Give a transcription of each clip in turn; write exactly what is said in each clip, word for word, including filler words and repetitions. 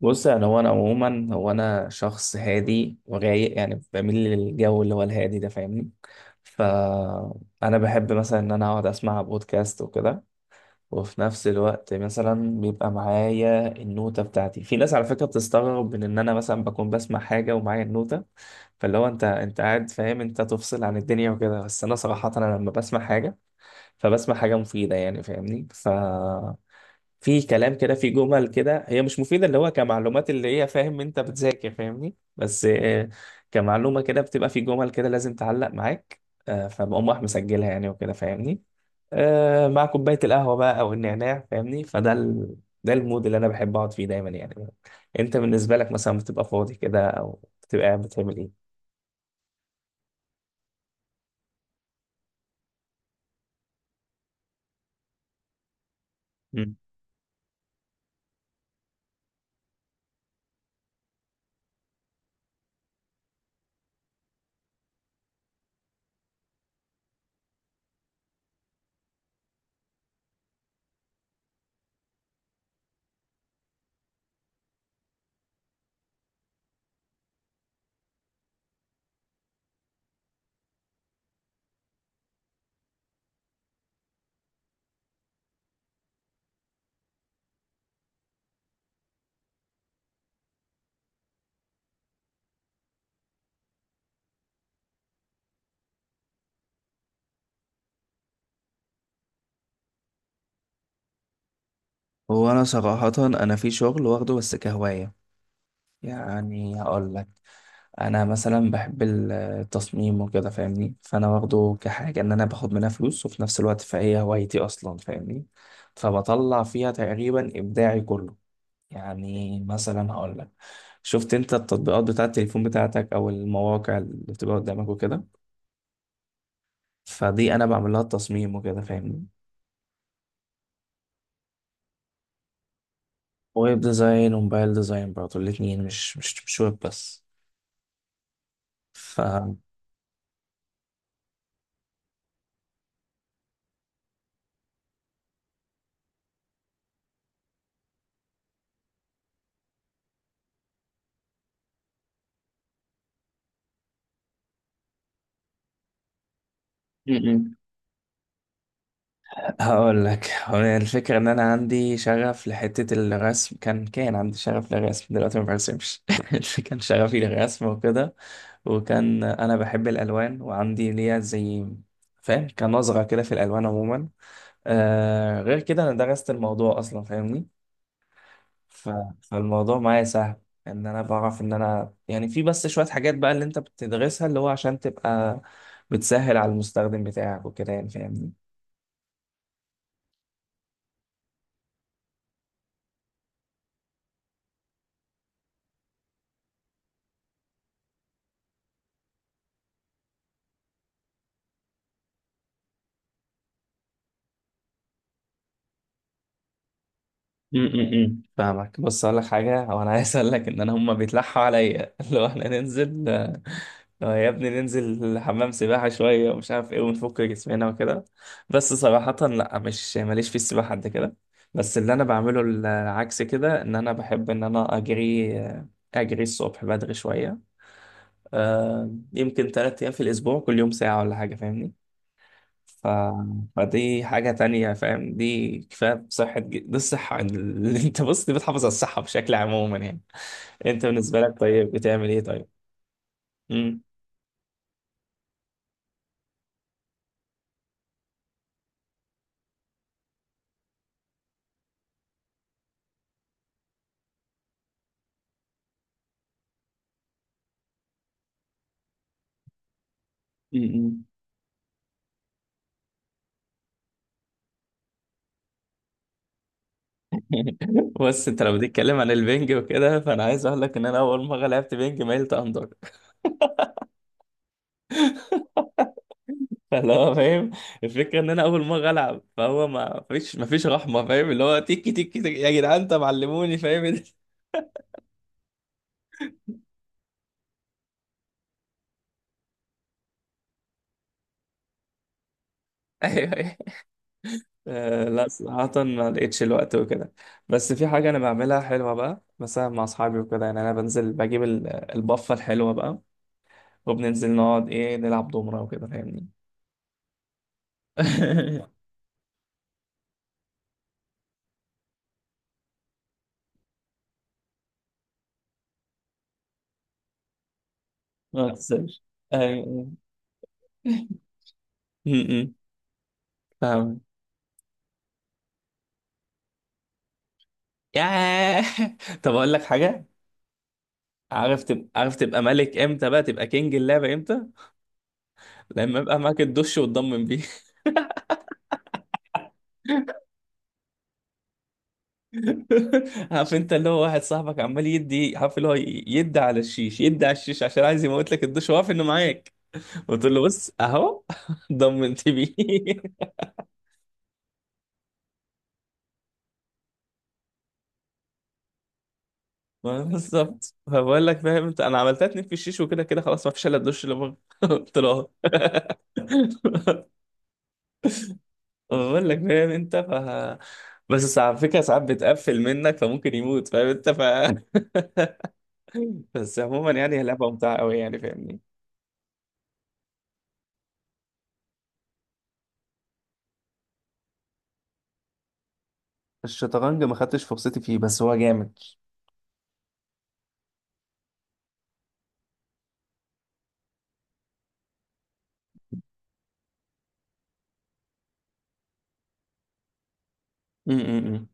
بص، يعني هو انا عموما هو انا شخص هادي ورايق، يعني بميل للجو اللي هو الهادي ده، فاهمني؟ فانا بحب مثلا ان انا اقعد اسمع بودكاست وكده. وفي نفس الوقت مثلا بيبقى معايا النوتة بتاعتي، في ناس على فكرة بتستغرب من ان انا مثلا بكون بسمع حاجة ومعايا النوتة. فاللي هو انت انت قاعد فاهم انت تفصل عن الدنيا وكده، بس انا صراحة انا لما بسمع حاجة فبسمع حاجة مفيدة، يعني فاهمني. ف في كلام كده، في جمل كده هي مش مفيدة اللي هو كمعلومات، اللي هي فاهم انت بتذاكر فاهمني، بس آه، كمعلومة كده بتبقى في جمل كده لازم تعلق معاك. آه، فبقوم راح مسجلها يعني وكده فاهمني. آه، مع كوباية القهوة بقى او النعناع، فاهمني. فده ال... ده المود اللي انا بحب اقعد فيه دايما، يعني. انت بالنسبة لك مثلا بتبقى فاضي كده او بتبقى قاعد بتعمل ايه؟ مم. هو انا صراحة انا في شغل واخده بس كهواية، يعني هقول لك، انا مثلا بحب ال- التصميم وكده فاهمني. فانا واخده كحاجه ان انا باخد منها فلوس، وفي نفس الوقت فهي هوايتي اصلا، فاهمني. فبطلع فيها تقريبا ابداعي كله. يعني مثلا هقول لك، شفت انت التطبيقات بتاعه التليفون بتاعتك او المواقع اللي بتبقى قدامك وكده؟ فدي انا بعمل لها التصميم وكده، فاهمني. ويب ديزاين وموبايل ديزاين برضه الاتنين، مش مش مش ويب بس. ف م- م. هقول لك، هو الفكرة ان انا عندي شغف لحتة الرسم، كان كان عندي شغف للرسم، دلوقتي ما برسمش. كان شغفي للرسم وكده، وكان انا بحب الالوان وعندي ليا زي فاهم كان نظرة كده في الالوان عموما. آه، غير كده انا درست الموضوع اصلا، فاهمني. ف... فالموضوع معايا سهل، ان انا بعرف ان انا يعني في بس شوية حاجات بقى اللي انت بتدرسها اللي هو عشان تبقى بتسهل على المستخدم بتاعك وكده، يعني فاهمني. امم، فاهمك. بص اقول لك حاجه، هو انا عايز اقول لك ان انا هما بيتلحوا عليا لو احنا ننزل. آه، يا ابني ننزل حمام سباحه شويه ومش عارف ايه، ونفك جسمنا وكده، بس صراحه لا، مش ماليش في السباحه قد كده. بس اللي انا بعمله العكس كده، ان انا بحب ان انا اجري، آه، اجري الصبح بدري شويه، آه، يمكن ثلاث ايام في الاسبوع، كل يوم ساعه ولا حاجه، فاهمني. ف... فدي حاجة تانية فاهم، دي كفاية بصحة، ج- دي الصحة اللي انت بص دي بتحافظ على الصحة بشكل عموما، يعني. انت بالنسبة لك طيب بتعمل ايه طيب؟ مم. مم. بص انت لو بتتكلم عن البنج وكده، فانا عايز اقول لك ان انا اول مرة لعبت بنج ميلت اندر. فاللي هو فاهم، الفكرة ان انا اول مرة العب فهو ما فيش ما فيش رحمة، فاهم؟ اللي هو تيكي تيكي تيكي يا جدعان انت معلموني، فاهم؟ ايوه. آه، لا صراحة ما لقيتش الوقت وكده. بس في حاجة أنا بعملها حلوة بقى مثلا مع أصحابي وكده، يعني أنا بنزل بجيب ال- البفة الحلوة بقى، وبننزل نقعد إيه نلعب دومرة وكده، فاهمني. ما تنساش. أيوة. م- م. فاهم. ياه. طب أقول لك حاجة، عارف تبقى، عارف تبقى ملك إمتى، بقى تبقى كينج اللعبة إمتى؟ لما أبقى معاك الدش وتضمن بيه. عارف انت اللي هو واحد صاحبك عمال يدي، عارف اللي هو يدي على الشيش، يدي على الشيش عشان عايز يموت لك الدش، وعارف انه معاك. قلت له بص اهو. ضمنت بيه. ما بالظبط، فبقول لك فاهم انت، انا عملتها اتنين في الشيش وكده كده خلاص، ما فيش الا الدش اللي بره. قلت له اهو. بقول لك فاهم انت. ف بس على فكره ساعات بتقفل منك فممكن يموت، فاهم انت؟ ف بس عموما يعني هي لعبه ممتعه قوي، يعني فاهمني. الشطرنج ما خدتش فرصتي فيه، بس هو جامد. م- م- م.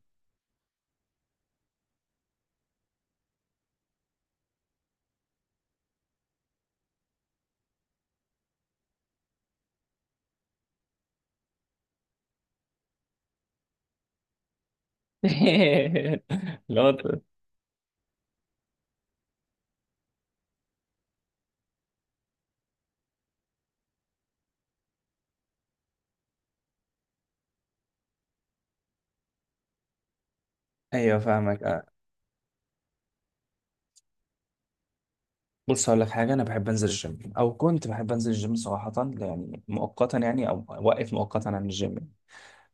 اللي هو ت- ايوه، فاهمك. آه. بص هقول لك حاجه، انا بحب انزل الجيم، او كنت بحب انزل الجيم صراحه يعني، مؤقتا يعني، او واقف مؤقتا عن الجيم يعني.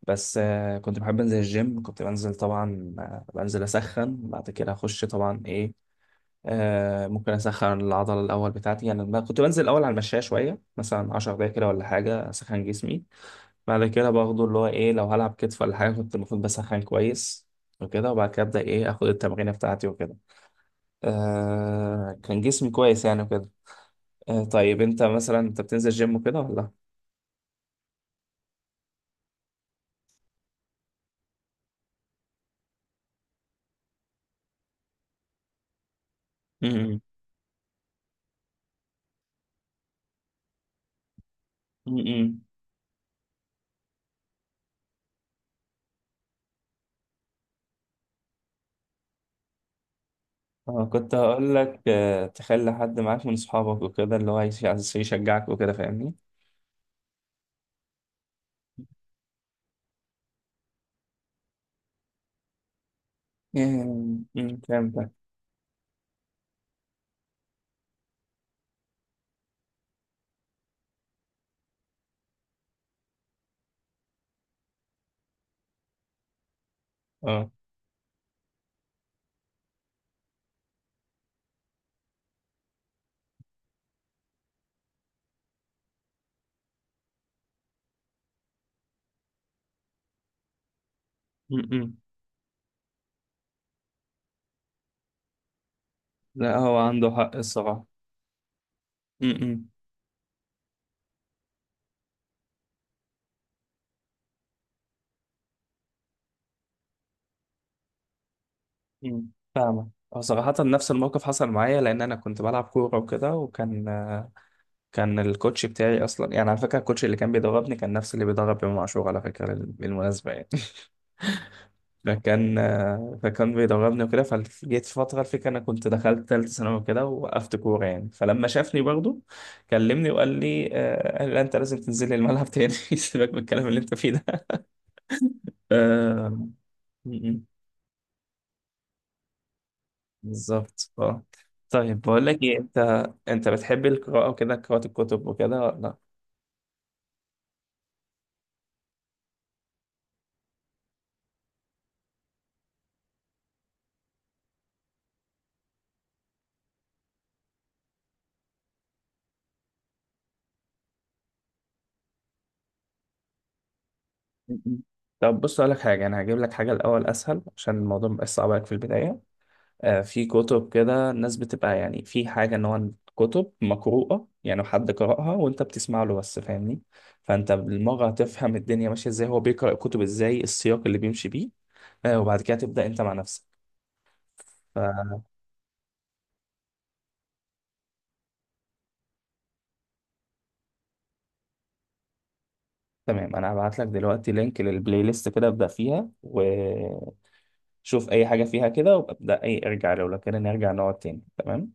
بس آه كنت بحب انزل الجيم، كنت بنزل طبعا، آه بنزل اسخن بعد كده اخش طبعا ايه، آه ممكن اسخن العضله الاول بتاعتي، يعني أنا كنت بنزل الاول على المشايه شويه مثلا 10 دقايق كده ولا حاجه، اسخن جسمي، بعد كده باخده اللي هو ايه، لو هلعب كتف ولا حاجه كنت المفروض بسخن كويس وكده، وبعد كده ابدا ايه اخد التمرينه بتاعتي وكده. آه كان جسمي كويس يعني وكده. آه طيب انت مثلا انت بتنزل جيم وكده ولا؟ امم. امم. اه كنت هقول لك، آه تخلي حد معاك من اصحابك وكده اللي هو يش- عايز يشجعك وكده، فاهمني. امم، فهمتك. اه. امم. لا هو عنده حق الصراحه. امم. مم. فاهمة. هو صراحة نفس الموقف حصل معايا، لأن أنا كنت بلعب كورة وكده، وكان آه، كان الكوتش بتاعي أصلا، يعني على فكرة الكوتش اللي كان بيدربني كان نفس اللي بيدرب إمام عاشور على فكرة، بال- بالمناسبة يعني. فكان، آه، فكان بيدربني وكده، فجيت في فترة، الفكرة أنا كنت دخلت تالتة ثانوي وكده ووقفت كورة يعني، فلما شافني برضه كلمني وقال لي، آه، قال لي لا أنت لازم تنزل لي الملعب تاني، سيبك من الكلام اللي أنت فيه ده. آه، م- م. بالظبط، اه. طيب بقول لك ايه، انت انت بتحب القراءة وكده، قراءة الكتب وكده ولا لا؟ م-م. طب بص اقول لك حاجة، انا هجيب لك حاجة الاول اسهل عشان الموضوع مبقاش صعب عليك في البداية. آه في كتب كده، الناس بتبقى يعني في حاجة ان هو كتب مقروءة، يعني حد قرأها وانت بتسمع له بس، فاهمني. فانت بالمرة هتفهم الدنيا ماشية ازاي، هو بيقرأ الكتب ازاي، السياق اللي بيمشي بيه. آه، وبعد كده تبدأ انت مع نفسك. فتمام، انا هبعت لك دلوقتي لينك للبلاي ليست، كده ابدا فيها و شوف اي حاجه فيها كده، وابدا اي ارجع لو لو كده نرجع نقعد تاني، تمام.